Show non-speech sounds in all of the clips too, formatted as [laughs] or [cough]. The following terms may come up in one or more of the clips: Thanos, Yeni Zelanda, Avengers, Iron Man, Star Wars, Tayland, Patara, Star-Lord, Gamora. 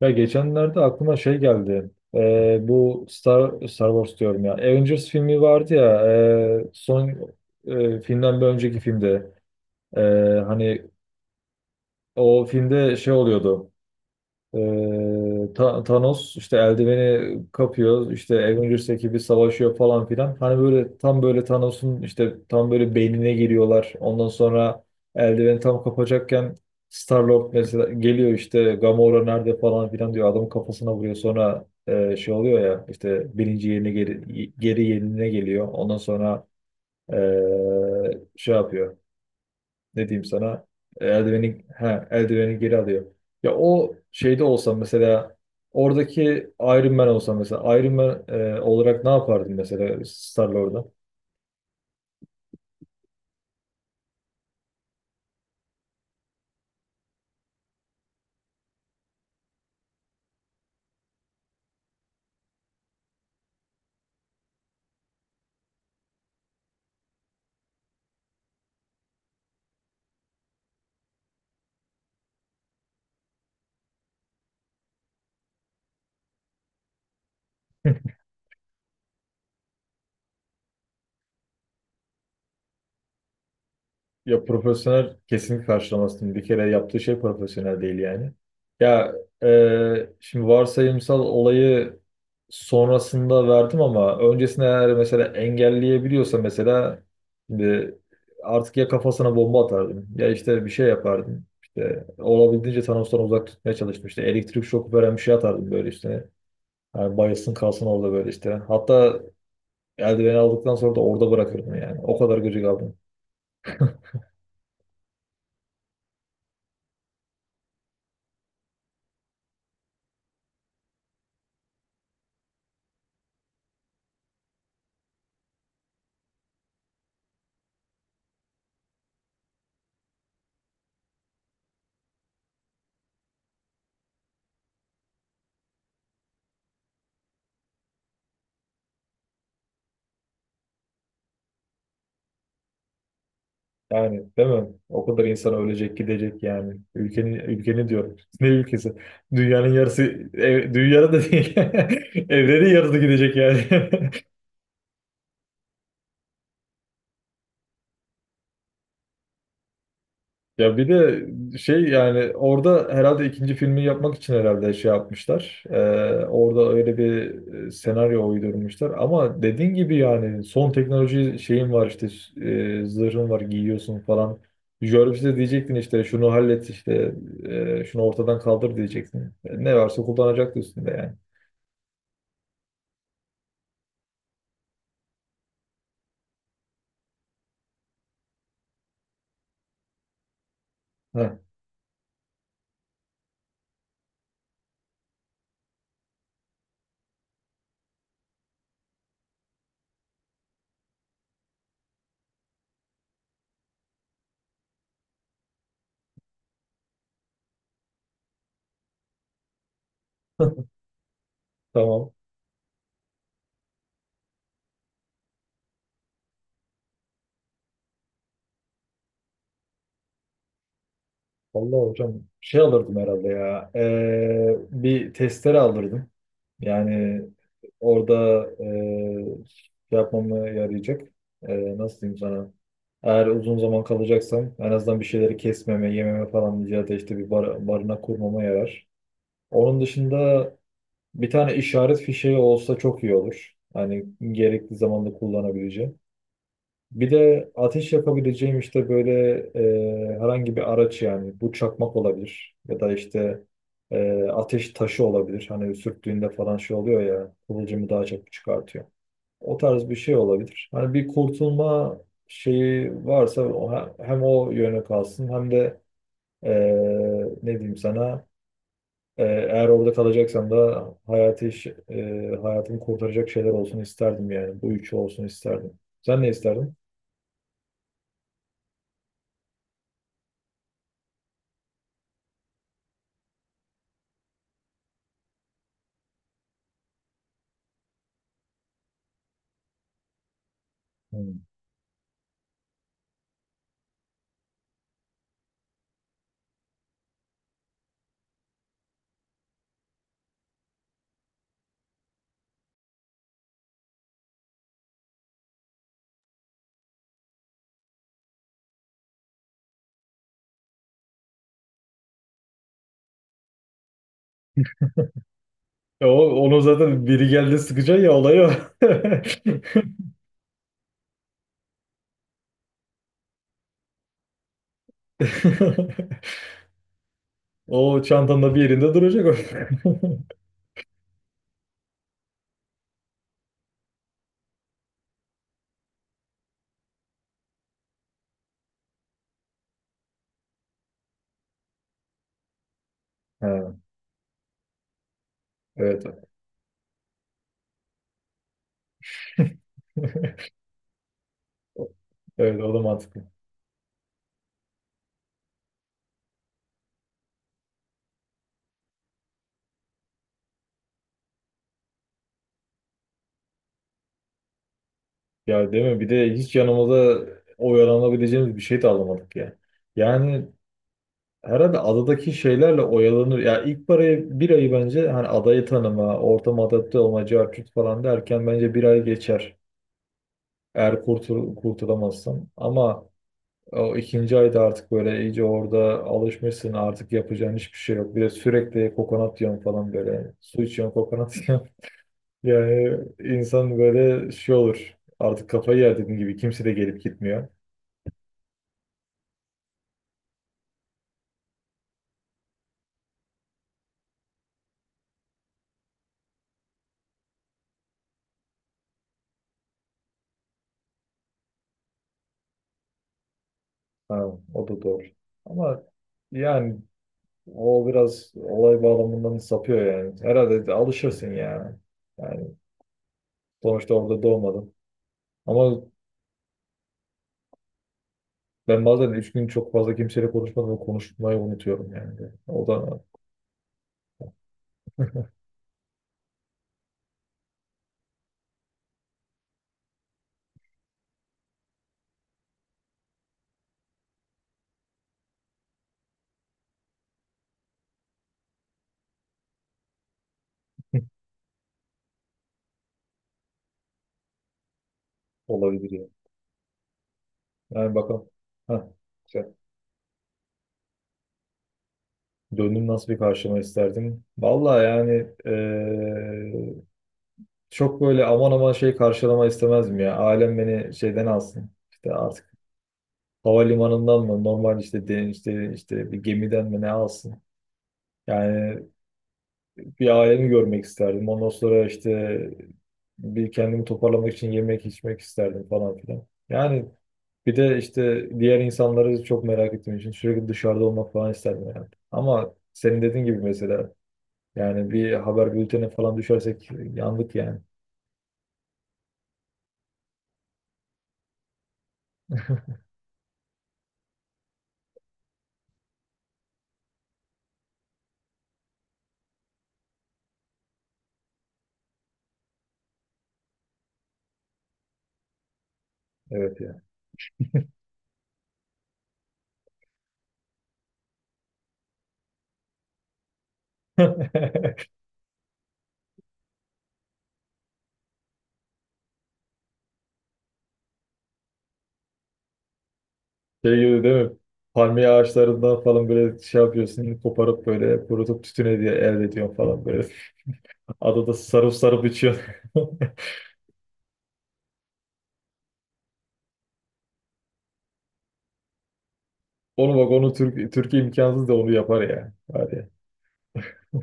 Ya geçenlerde aklıma şey geldi. Bu Star Wars diyorum ya. Avengers filmi vardı ya. e, son Filmden bir önceki filmde. E, Hani o filmde şey oluyordu. Thanos işte eldiveni kapıyor işte Avengers ekibi savaşıyor falan filan. Hani böyle tam böyle Thanos'un işte tam böyle beynine giriyorlar. Ondan sonra eldiveni tam kapacakken Star-Lord mesela geliyor işte Gamora nerede falan filan diyor. Adamın kafasına vuruyor. Sonra şey oluyor ya işte birinci yerine geri yerine geliyor. Ondan sonra şey yapıyor ne diyeyim sana eldiveni ha eldiveni geri alıyor. Ya o şeyde olsam mesela oradaki Iron Man olsam mesela Iron Man olarak ne yapardım mesela Star-Lord'a? [laughs] Ya profesyonel kesinlikle karşılamazsın. Bir kere yaptığı şey profesyonel değil yani. Ya şimdi varsayımsal olayı sonrasında verdim ama öncesinde eğer mesela engelleyebiliyorsa mesela şimdi artık ya kafasına bomba atardım ya işte bir şey yapardım. İşte olabildiğince Thanos'tan uzak tutmaya çalıştım. İşte elektrik şoku veren bir şey atardım böyle işte. Yani bayılsın kalsın orada böyle işte. Hatta eldiveni aldıktan sonra da orada bırakırdım yani. O kadar gıcık aldım. Yani değil mi? O kadar insan ölecek gidecek yani. Ülkeni diyorum. [laughs] Ne ülkesi? Dünyanın yarısı dünyada da değil. [laughs] Evrenin yarısı gidecek yani. [laughs] Ya bir de şey yani orada herhalde ikinci filmi yapmak için herhalde şey yapmışlar. Orada öyle bir senaryo uydurmuşlar. Ama dediğin gibi yani son teknoloji şeyin var işte zırhın var giyiyorsun falan. Jarvis'e diyecektin işte şunu hallet işte şunu ortadan kaldır diyecektin. Ne varsa kullanacaktı üstünde yani. Heh, [laughs] tamam. Vallahi hocam şey alırdım herhalde ya. Bir testere alırdım. Yani orada şey yapmamı yarayacak. Nasıl diyeyim sana? Eğer uzun zaman kalacaksam en azından bir şeyleri kesmeme, yememe falan ya da işte bir barınak kurmama yarar. Onun dışında bir tane işaret fişeği olsa çok iyi olur. Hani gerekli zamanda kullanabileceğim. Bir de ateş yapabileceğim işte böyle herhangi bir araç yani bu çakmak olabilir ya da işte ateş taşı olabilir. Hani sürttüğünde falan şey oluyor ya kıvılcımı daha çok çıkartıyor. O tarz bir şey olabilir. Hani bir kurtulma şeyi varsa hem o yöne kalsın hem de e, ne diyeyim sana eğer orada kalacaksam da hayatımı kurtaracak şeyler olsun isterdim yani. Bu üçü olsun isterdim. Sen ne isterdin? Hmm. Ya onu zaten biri geldi sıkacak ya olayı o. [laughs] O çantanda bir yerinde duracak o. [laughs] Ha, evet. Evet o da mantıklı. Ya değil mi? Bir de hiç yanımıza oyalanabileceğimiz bir şey de alamadık ya. Yani herhalde adadaki şeylerle oyalanır. Ya ilk parayı bir ayı bence hani adayı tanıma, ortama adapte olma, cart curt falan derken bence bir ay geçer. Eğer kurtulamazsan. Ama o ikinci ayda artık böyle iyice orada alışmışsın artık yapacağın hiçbir şey yok. Bir de sürekli kokonat yiyorsun falan böyle. Su içiyorsun kokonat yiyorsun. [laughs] Yani insan böyle şey olur. Artık kafayı yer dediğim gibi kimse de gelip gitmiyor. Ha, o da doğru. Ama yani o biraz olay bağlamından sapıyor yani. Herhalde de alışırsın yani. Yani sonuçta orada doğmadım. Ama ben bazen üç gün çok fazla kimseyle konuşmadım ve konuşmayı unutuyorum yani. O da olabilir yani. Yani bakalım. Heh, güzel. Döndüm nasıl bir karşılama isterdim? Vallahi yani çok böyle aman aman şey karşılama istemezdim ya. Ailem beni şeyden alsın. İşte artık havalimanından mı normal işte işte işte bir gemiden mi ne alsın? Yani bir ailemi görmek isterdim. Ondan sonra işte bir kendimi toparlamak için yemek içmek isterdim falan filan. Yani bir de işte diğer insanları çok merak ettiğim için sürekli dışarıda olmak falan isterdim yani. Ama senin dediğin gibi mesela yani bir haber bültenine falan düşersek yandık yani. Evet ya. [laughs] Şey gibi değil mi? Palmiye ağaçlarından falan böyle şey yapıyorsun, koparıp böyle kurutup tütüne diye elde ediyorsun falan böyle. [laughs] Adada sarıp sarıp içiyorsun. [laughs] Oğlum bak onu Türkiye imkansız da onu yapar ya. Hadi. [laughs]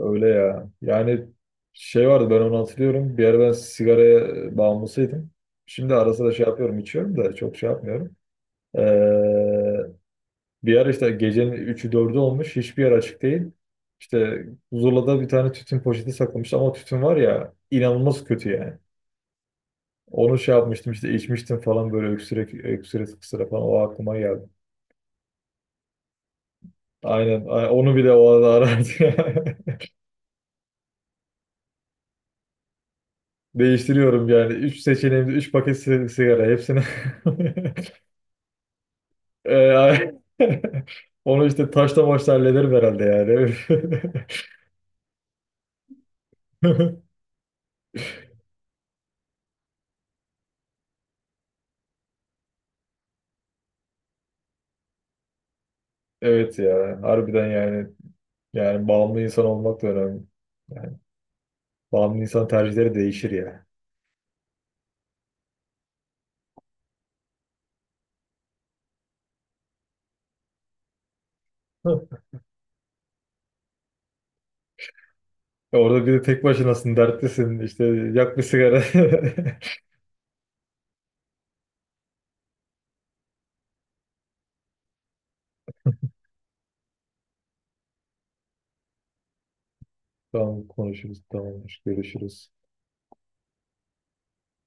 Öyle ya. Yani şey vardı ben onu hatırlıyorum. Bir ara ben sigaraya bağımlısıydım. Şimdi ara sıra şey yapıyorum içiyorum da çok şey yapmıyorum. Ee, Bir ara işte gecenin üçü dördü olmuş. Hiçbir yer açık değil. İşte Zula'da bir tane tütün poşeti saklamış ama tütün var ya inanılmaz kötü yani. Onu şey yapmıştım işte içmiştim falan böyle öksürek öksüre kısıra falan o aklıma geldi. Aynen. Onu bile o arada arardı. [laughs] Değiştiriyorum yani. Üç seçeneğimde üç paket sigara. Hepsini [laughs] Ee, ay- [laughs] onu işte taşla maçla hallederim herhalde yani. [laughs] Evet ya. Harbiden yani. Yani bağımlı insan olmak da önemli. Yani bağımlı insan tercihleri değişir ya. [laughs] Orada bir de tek başınasın, dertlisin. İşte yak bir sigara. [laughs] Tamam konuşuruz. Tamamdır. Görüşürüz.